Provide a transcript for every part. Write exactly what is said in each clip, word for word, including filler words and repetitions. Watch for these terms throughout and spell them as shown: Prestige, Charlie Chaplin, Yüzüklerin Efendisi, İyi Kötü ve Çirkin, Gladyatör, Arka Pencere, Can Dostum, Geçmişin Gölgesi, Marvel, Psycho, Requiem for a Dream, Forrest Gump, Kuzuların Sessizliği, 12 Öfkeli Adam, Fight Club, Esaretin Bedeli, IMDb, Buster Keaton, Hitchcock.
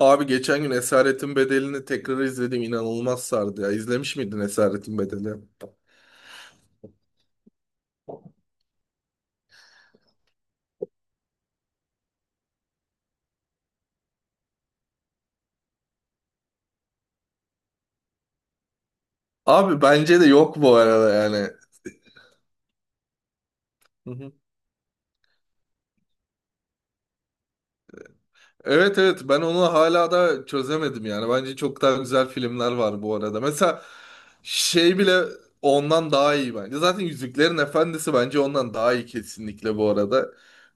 Abi geçen gün Esaretin Bedeli'ni tekrar izledim. İnanılmaz sardı ya. İzlemiş miydin Esaretin Bedeli? Abi bence de yok bu arada yani. Evet evet, ben onu hala da çözemedim yani. Bence çok daha güzel filmler var bu arada. Mesela şey bile ondan daha iyi bence. Zaten Yüzüklerin Efendisi bence ondan daha iyi kesinlikle bu arada.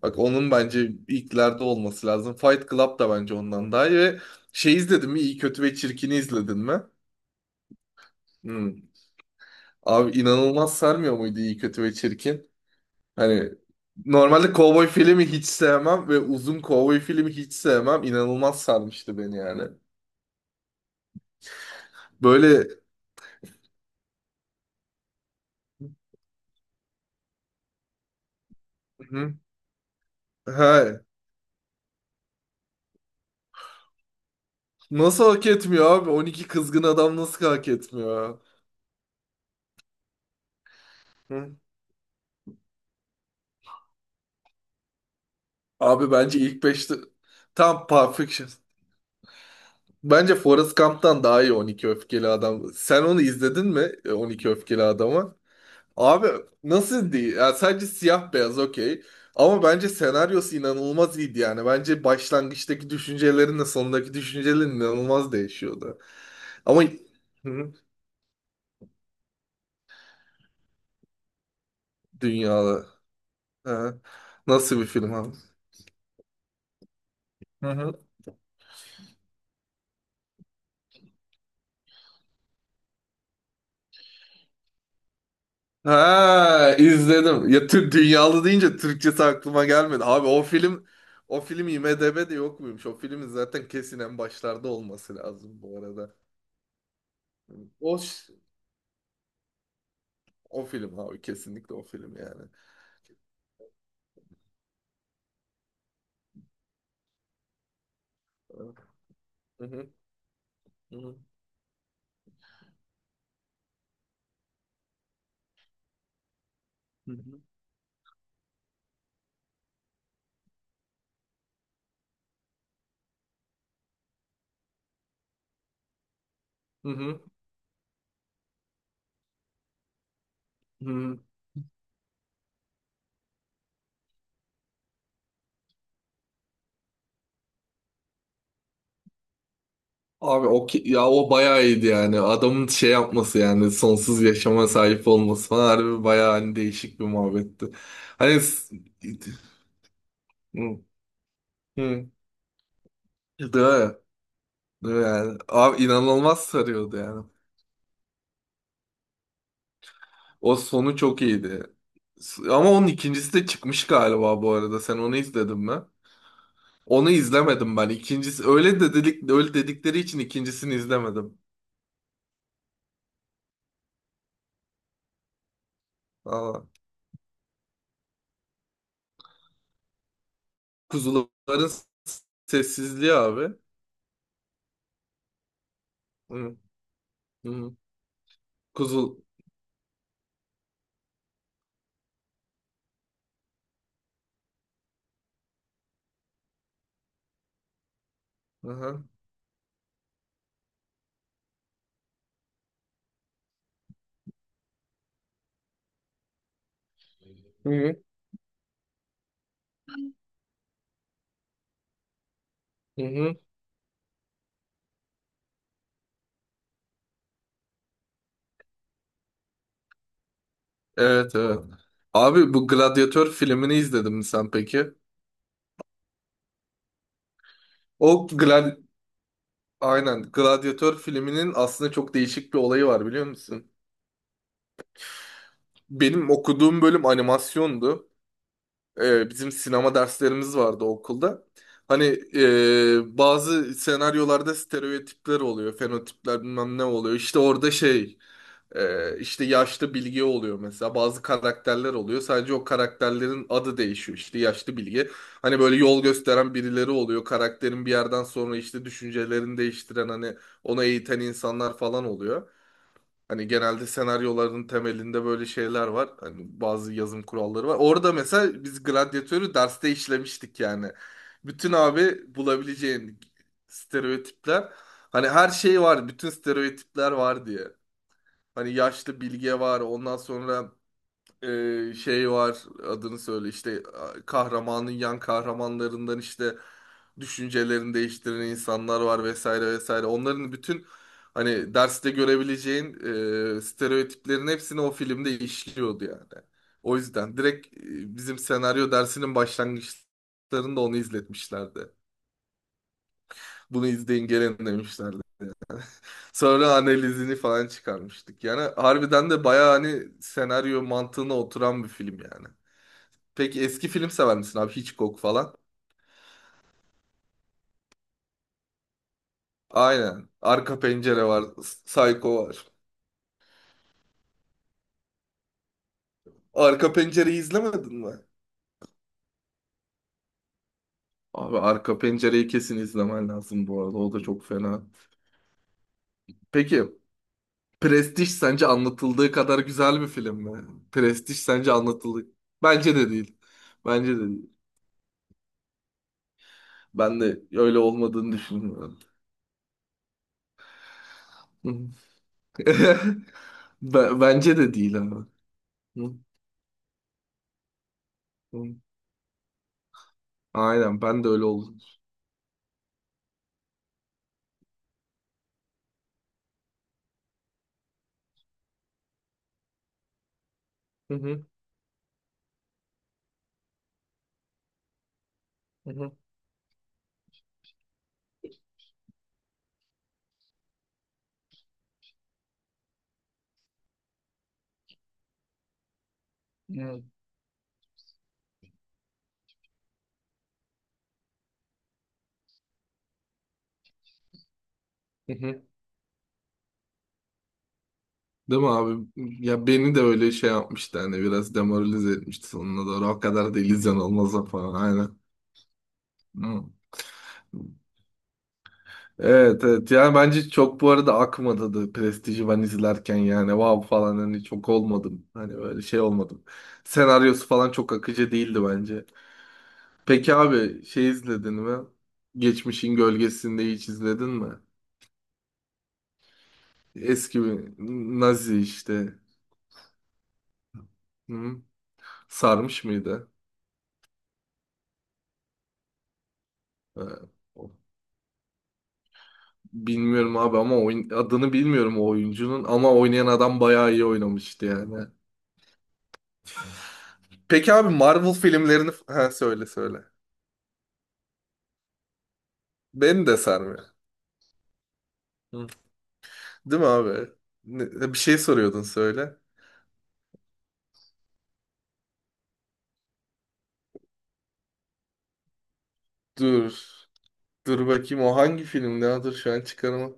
Bak onun bence ilklerde olması lazım. Fight Club da bence ondan daha iyi. Ve şey izledin mi? İyi Kötü ve Çirkin'i izledin mi? Hmm. Abi inanılmaz sarmıyor muydu İyi Kötü ve Çirkin? Hani normalde kovboy filmi hiç sevmem ve uzun kovboy filmi hiç sevmem. İnanılmaz sarmıştı beni yani. Böyle. Hı. he, Nasıl hak etmiyor abi? on iki kızgın adam nasıl hak etmiyor ya? Hı. Abi bence ilk beşte tam Perfection. Bence Forrest Gump'tan daha iyi on iki Öfkeli Adam. Sen onu izledin mi e, on iki Öfkeli Adam'ı? Abi nasıl değil? Yani sadece siyah beyaz okey. Ama bence senaryosu inanılmaz iyiydi yani. Bence başlangıçtaki düşüncelerinle sondaki düşüncelerin inanılmaz değişiyordu. Ama hı hı. Dünyada. He. Nasıl bir film abi? Hı hı. Ha izledim. Ya Türk dünyalı deyince Türkçesi aklıma gelmedi. Abi o film o film IMDb'de yok muymuş? O filmin zaten kesin en başlarda olması lazım bu arada. O ş- o film abi kesinlikle o film yani. Hı hı, hı hı, hı hı, hı hı. Abi o ki- ya o bayağı iyiydi yani. Adamın şey yapması yani sonsuz yaşama sahip olması falan harbi bayağı hani değişik bir muhabbetti. Hani s- Hı. Hı. Değil mi? Değil mi yani, abi inanılmaz sarıyordu yani. O sonu çok iyiydi. S- Ama onun ikincisi de çıkmış galiba bu arada. Sen onu izledin mi? Onu izlemedim ben. İkincisi öyle de dedik öyle dedikleri için ikincisini izlemedim. Aa, kuzuların s- sessizliği abi. Hı, hı. Kuzul. Aha. Hı hı. Hı hı. Evet evet. Abi bu Gladyatör filmini izledin mi sen peki? O glad Aynen. Gladyatör filminin aslında çok değişik bir olayı var biliyor musun? Benim okuduğum bölüm animasyondu. Ee, bizim sinema derslerimiz vardı okulda. Hani e, bazı senaryolarda stereotipler oluyor, fenotipler bilmem ne oluyor. İşte orada şey, e, işte yaşlı bilge oluyor mesela. Bazı karakterler oluyor. Sadece o karakterlerin adı değişiyor. İşte yaşlı bilge. Hani böyle yol gösteren birileri oluyor. Karakterin bir yerden sonra işte düşüncelerini değiştiren hani onu eğiten insanlar falan oluyor. Hani genelde senaryoların temelinde böyle şeyler var. Hani bazı yazım kuralları var. Orada mesela biz gladyatörü derste işlemiştik yani. Bütün abi bulabileceğin stereotipler. Hani her şey var. Bütün stereotipler var diye. Hani yaşlı bilge var. Ondan sonra ee, şey var, adını söyle işte a- kahramanın yan kahramanlarından işte düşüncelerini değiştiren insanlar var vesaire vesaire. Onların bütün hani derste görebileceğin e, stereotiplerin hepsini o filmde işliyordu yani. O yüzden direkt e, bizim senaryo dersinin başlangıçlarında onu izletmişlerdi. Bunu izleyin gelin demişlerdi. Sonra analizini falan çıkarmıştık. Yani harbiden de bayağı hani senaryo mantığına oturan bir film yani. Peki eski film sever misin abi? Hitchcock falan. Aynen. Arka Pencere var. Psycho var. Arka Pencere'yi izlemedin mi? Abi Arka Pencere'yi kesin izlemen lazım bu arada. O da çok fena. Peki Prestige sence anlatıldığı kadar güzel bir film mi? Prestige sence anlatıldığı... Bence de değil. Bence de değil. Ben de öyle olmadığını düşünmüyorum. Hı. Be- Bence de değil abi. Hı, hı. Aynen ben de öyle oldum. Hı hı, hı hı, hı hı. Değil mi abi? Ya beni de öyle şey yapmıştı hani biraz demoralize etmişti sonuna doğru. O kadar da illüzyon olmaz falan aynen. Hı. Evet evet, yani bence çok bu arada akmadı da Prestige'i ben izlerken yani wow falan hani çok olmadım. Hani böyle şey olmadım. Senaryosu falan çok akıcı değildi bence. Peki abi şey izledin mi? Geçmişin Gölgesi'nde hiç izledin mi? Eski bir Nazi işte. Hı? Sarmış mıydı? Ha. Bilmiyorum abi ama oyun, adını bilmiyorum o oyuncunun ama oynayan adam bayağı iyi oynamıştı yani. Peki abi Marvel filmlerini ha söyle söyle. Beni de sarmıyor. Hı. Değil mi abi? Ne- e, bir şey soruyordun söyle. Dur. Dur bakayım o hangi filmdi? Ha, dur şu an çıkarama.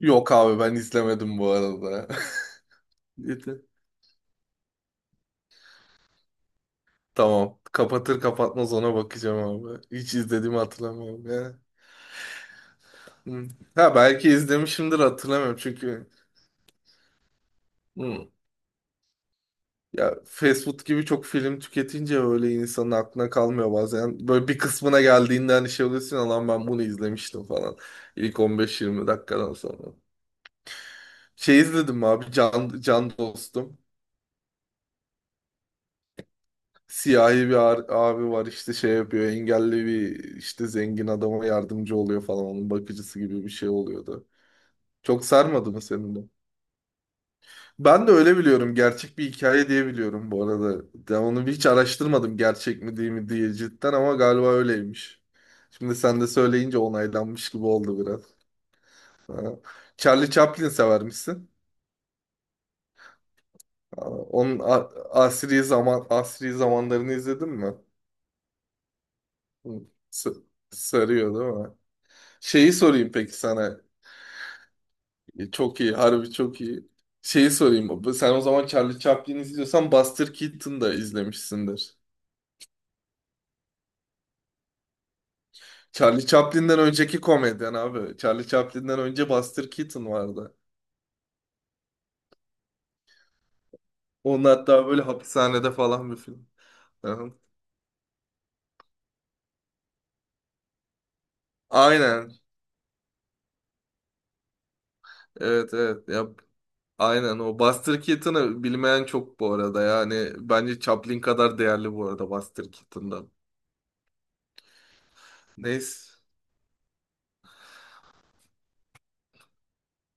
Yok abi ben izlemedim bu arada. Yeter. Tamam. Kapatır kapatmaz ona bakacağım abi. Hiç izlediğimi hatırlamıyorum ya. Hı. Ha belki izlemişimdir hatırlamıyorum çünkü. Hı. Ya fast food gibi çok film tüketince öyle insanın aklına kalmıyor bazen. Böyle bir kısmına geldiğinde hani şey oluyorsun ya, lan ben bunu izlemiştim falan. İlk on beş yirmi dakikadan sonra. Şey izledim abi Can, Can Dostum. Siyahi bir ar- abi var işte şey yapıyor engelli bir işte zengin adama yardımcı oluyor falan onun bakıcısı gibi bir şey oluyordu. Çok sarmadı mı senin de? Ben de öyle biliyorum. Gerçek bir hikaye diye biliyorum bu arada. Ya onu hiç araştırmadım gerçek mi değil mi diye cidden ama galiba öyleymiş. Şimdi sen de söyleyince onaylanmış gibi oldu biraz. Ha. Charlie Chaplin severmişsin. Aa, onun a- asri zaman asri zamanlarını izledin mi? Hı. S- Sarıyor değil mi? Şeyi sorayım peki sana. E, Çok iyi, harbi çok iyi. Şeyi sorayım. Sen o zaman Charlie Chaplin izliyorsan Buster Keaton da izlemişsindir. Charlie Chaplin'den önceki komedyen abi. Charlie Chaplin'den önce Buster Keaton vardı. Onun hatta böyle hapishanede falan bir film. Aha. Aynen. Evet evet. Ya, aynen o. Buster Keaton'ı bilmeyen çok bu arada. Yani bence Chaplin kadar değerli bu arada Buster Keaton'dan. Neyse.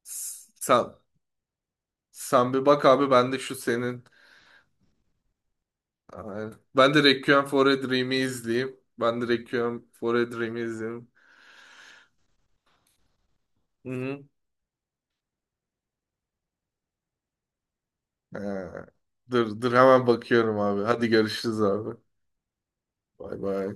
S- Sen, sen bir bak abi ben de şu senin. Aynen. Ben de Requiem for a Dream'i izleyeyim. Ben de Requiem for a Dream'i izleyeyim. Hı hı. Ha. Dur dur hemen bakıyorum abi. Hadi görüşürüz abi. Bay bay.